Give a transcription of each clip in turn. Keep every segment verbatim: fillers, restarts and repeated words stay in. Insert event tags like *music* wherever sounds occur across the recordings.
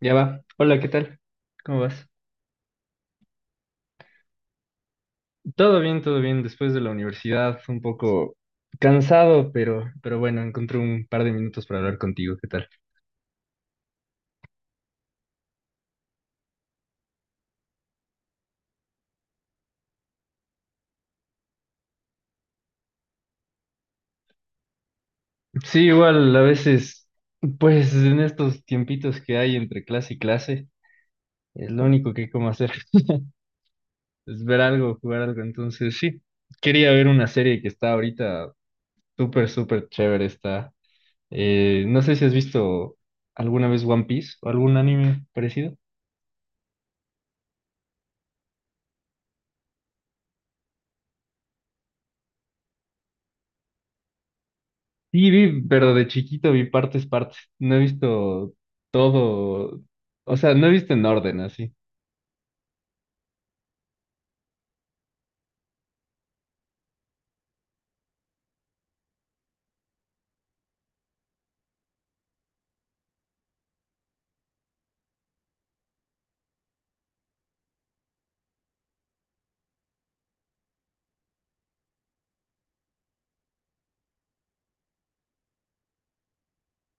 Ya va. Hola, ¿qué tal? ¿Cómo vas? Todo bien, todo bien. Después de la universidad, un poco cansado, pero, pero bueno, encontré un par de minutos para hablar contigo. ¿Qué tal? Sí, igual, a veces, pues en estos tiempitos que hay entre clase y clase, es lo único que hay como hacer, *laughs* es ver algo, jugar algo. Entonces, sí, quería ver una serie que está ahorita súper, súper chévere. Está. Eh, no sé si has visto alguna vez One Piece o algún anime parecido. Sí, vi, pero de chiquito vi partes, partes. No he visto todo, o sea, no he visto en orden así.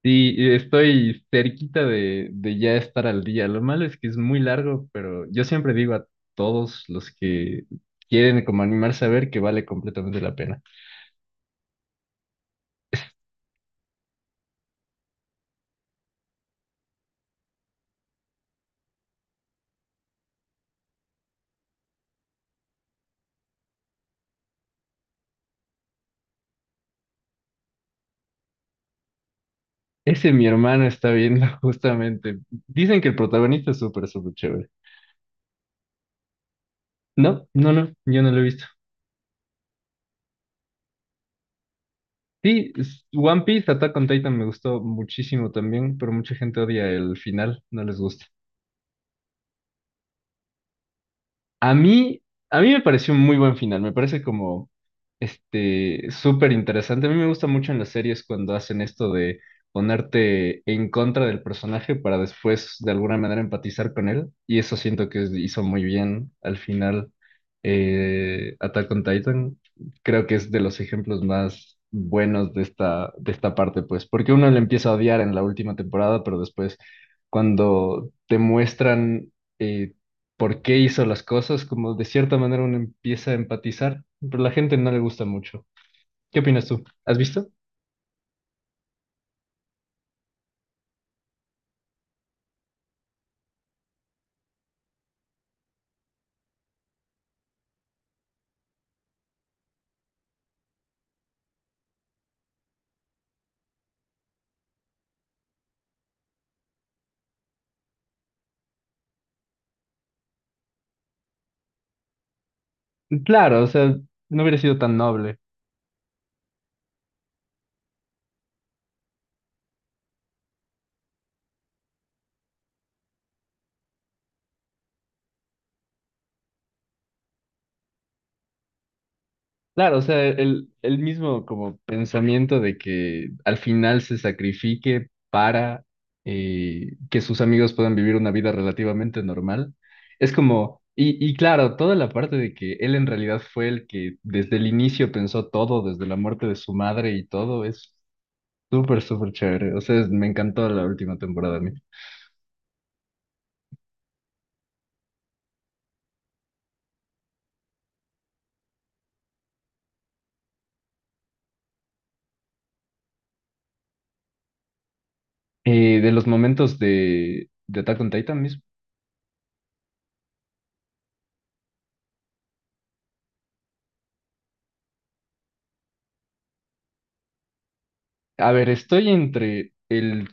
Sí, y estoy cerquita de, de ya estar al día. Lo malo es que es muy largo, pero yo siempre digo a todos los que quieren como animarse a ver que vale completamente la pena. Ese mi hermano está viendo *laughs* justamente. Dicen que el protagonista es súper, súper chévere. No, no, no, yo no lo he visto. Sí, es- One Piece, Attack on Titan me gustó muchísimo también, pero mucha gente odia el final, no les gusta. A mí, a mí me pareció un muy buen final, me parece como este súper interesante. A mí me gusta mucho en las series cuando hacen esto de ponerte en contra del personaje para después de alguna manera empatizar con él. Y eso siento que hizo muy bien al final eh, Attack on Titan. Creo que es de los ejemplos más buenos de esta, de esta parte, pues, porque uno le empieza a odiar en la última temporada, pero después cuando te muestran... eh, por qué hizo las cosas, como de cierta manera uno empieza a empatizar, pero a la gente no le gusta mucho. ¿Qué opinas tú? ¿Has visto? Claro, o sea, no hubiera sido tan noble. Claro, o sea, el, el mismo como pensamiento de que al final se sacrifique para eh, que sus amigos puedan vivir una vida relativamente normal. Es como, y, y claro, toda la parte de que él en realidad fue el que desde el inicio pensó todo, desde la muerte de su madre y todo, es súper, súper chévere. O sea, es- me encantó la última temporada a mí. Eh, de los momentos de, de Attack on Titan mismo. A ver, estoy entre el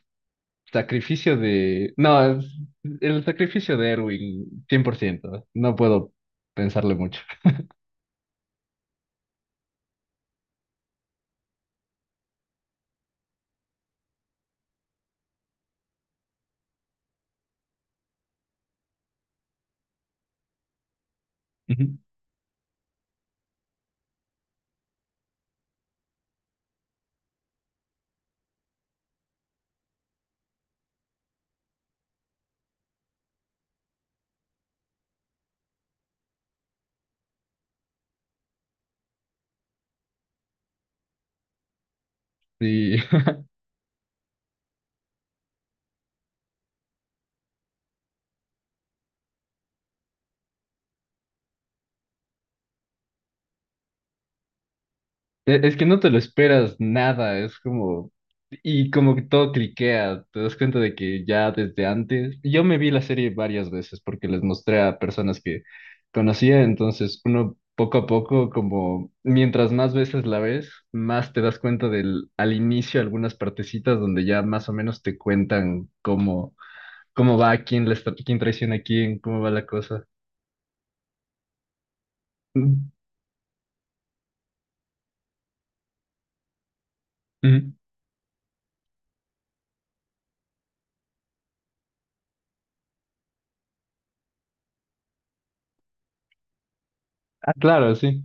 sacrificio de... No, es- el sacrificio de Erwin, cien por ciento. No puedo pensarle mucho. Ujú. Sí. E- Es que no te lo esperas nada, es como... Y como que todo cliquea, te das cuenta de que ya desde antes... Yo me vi la serie varias veces porque les mostré a personas que conocía, entonces uno poco a poco, como mientras más veces la ves, más te das cuenta del al inicio algunas partecitas donde ya más o menos te cuentan cómo, cómo va, quién, les, tra- quién traiciona a quién, cómo va la cosa. Mm, mm. Ah, claro, sí.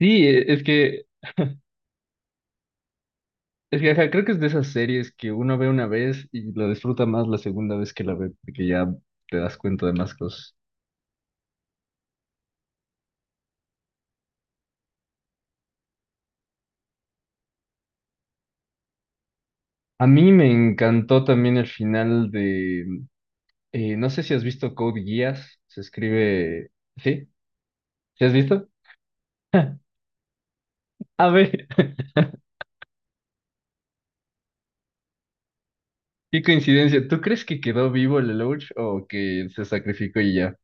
Sí, e- es que Es que, ajá, creo que es de esas series que uno ve una vez y lo disfruta más la segunda vez que la ve, porque ya te das cuenta de más cosas. A mí me encantó también el final de, eh, no sé si has visto Code Geass, se escribe, ¿sí? ¿Sí has visto? *laughs* A ver, *laughs* qué coincidencia, ¿tú crees que quedó vivo el Lelouch o que se sacrificó y ya?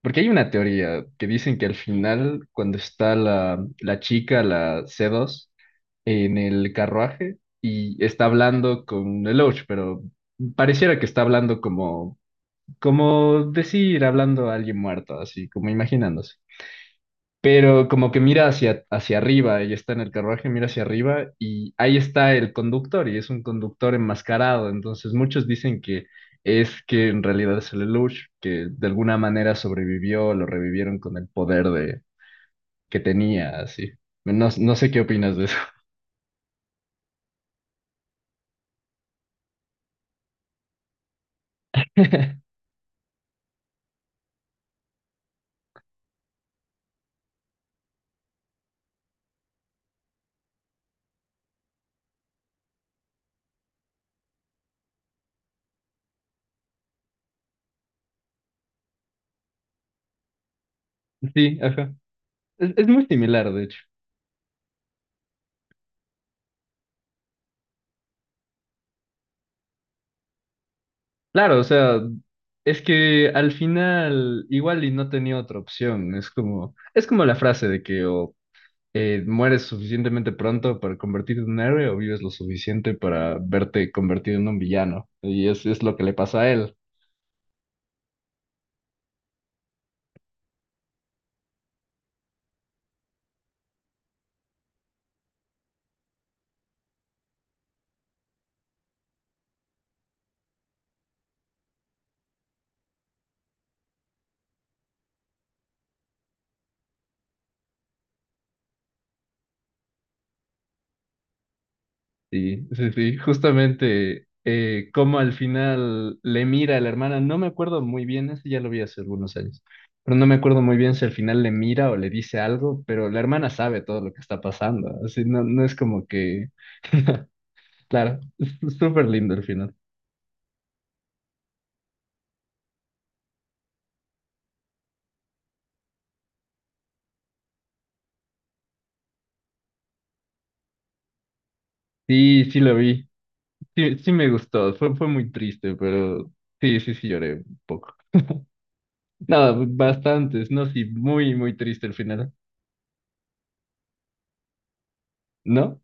Porque hay una teoría que dicen que al final, cuando está la, la chica, la C dos, en el carruaje y está hablando con el Lelouch, pero pareciera que está hablando como, como decir, hablando a alguien muerto, así como imaginándose. Pero como que mira hacia, hacia arriba, ella está en el carruaje, mira hacia arriba y ahí está el conductor y es un conductor enmascarado. Entonces muchos dicen que es que en realidad es el Lelouch, que de alguna manera sobrevivió, lo revivieron con el poder de, que tenía, así. No, no sé qué opinas de eso. *laughs* Sí, ajá. Es, es muy similar, de hecho. Claro, o sea, es que al final igual y no tenía otra opción. Es como, es como la frase de que o eh, mueres suficientemente pronto para convertirte en un héroe o vives lo suficiente para verte convertido en un villano. Y es, es lo que le pasa a él. Sí, sí, sí, justamente eh, como al final le mira a la hermana, no me acuerdo muy bien, eso ya lo vi hace algunos años, pero no me acuerdo muy bien si al final le mira o le dice algo, pero la hermana sabe todo lo que está pasando, así no, no es como que, claro, es es súper lindo al final. Sí, sí lo vi, sí, sí me gustó, fue, fue muy triste, pero sí, sí, sí lloré un poco. Nada, bastantes, no, sí, muy, muy triste al final, ¿no?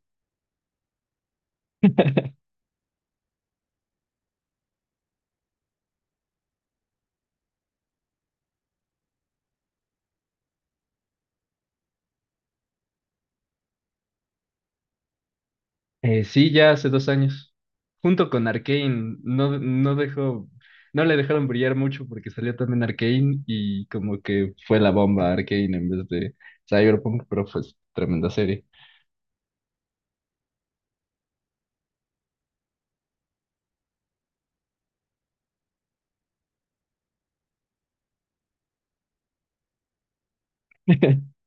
Eh, sí, ya hace dos años. Junto con Arcane, no, no dejó, no le dejaron brillar mucho porque salió también Arcane y como que fue la bomba Arcane en vez de Cyberpunk, pero fue tremenda serie. *laughs*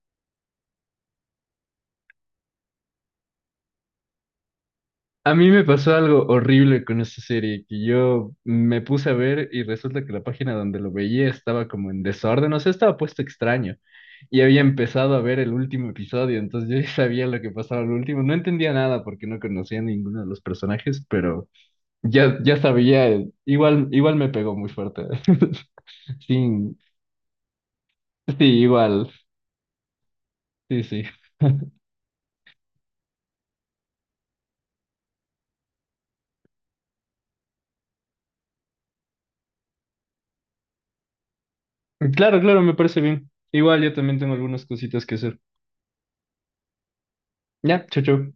A mí me pasó algo horrible con esta serie, que yo me puse a ver y resulta que la página donde lo veía estaba como en desorden, o sea, estaba puesto extraño y había empezado a ver el último episodio, entonces yo ya sabía lo que pasaba al último, no entendía nada porque no conocía a ninguno de los personajes, pero ya, ya sabía, eh, igual, igual me pegó muy fuerte. *laughs* Sí, sí, igual, sí, sí. Claro, claro, me parece bien. Igual yo también tengo algunas cositas que hacer. Ya, chao, chao.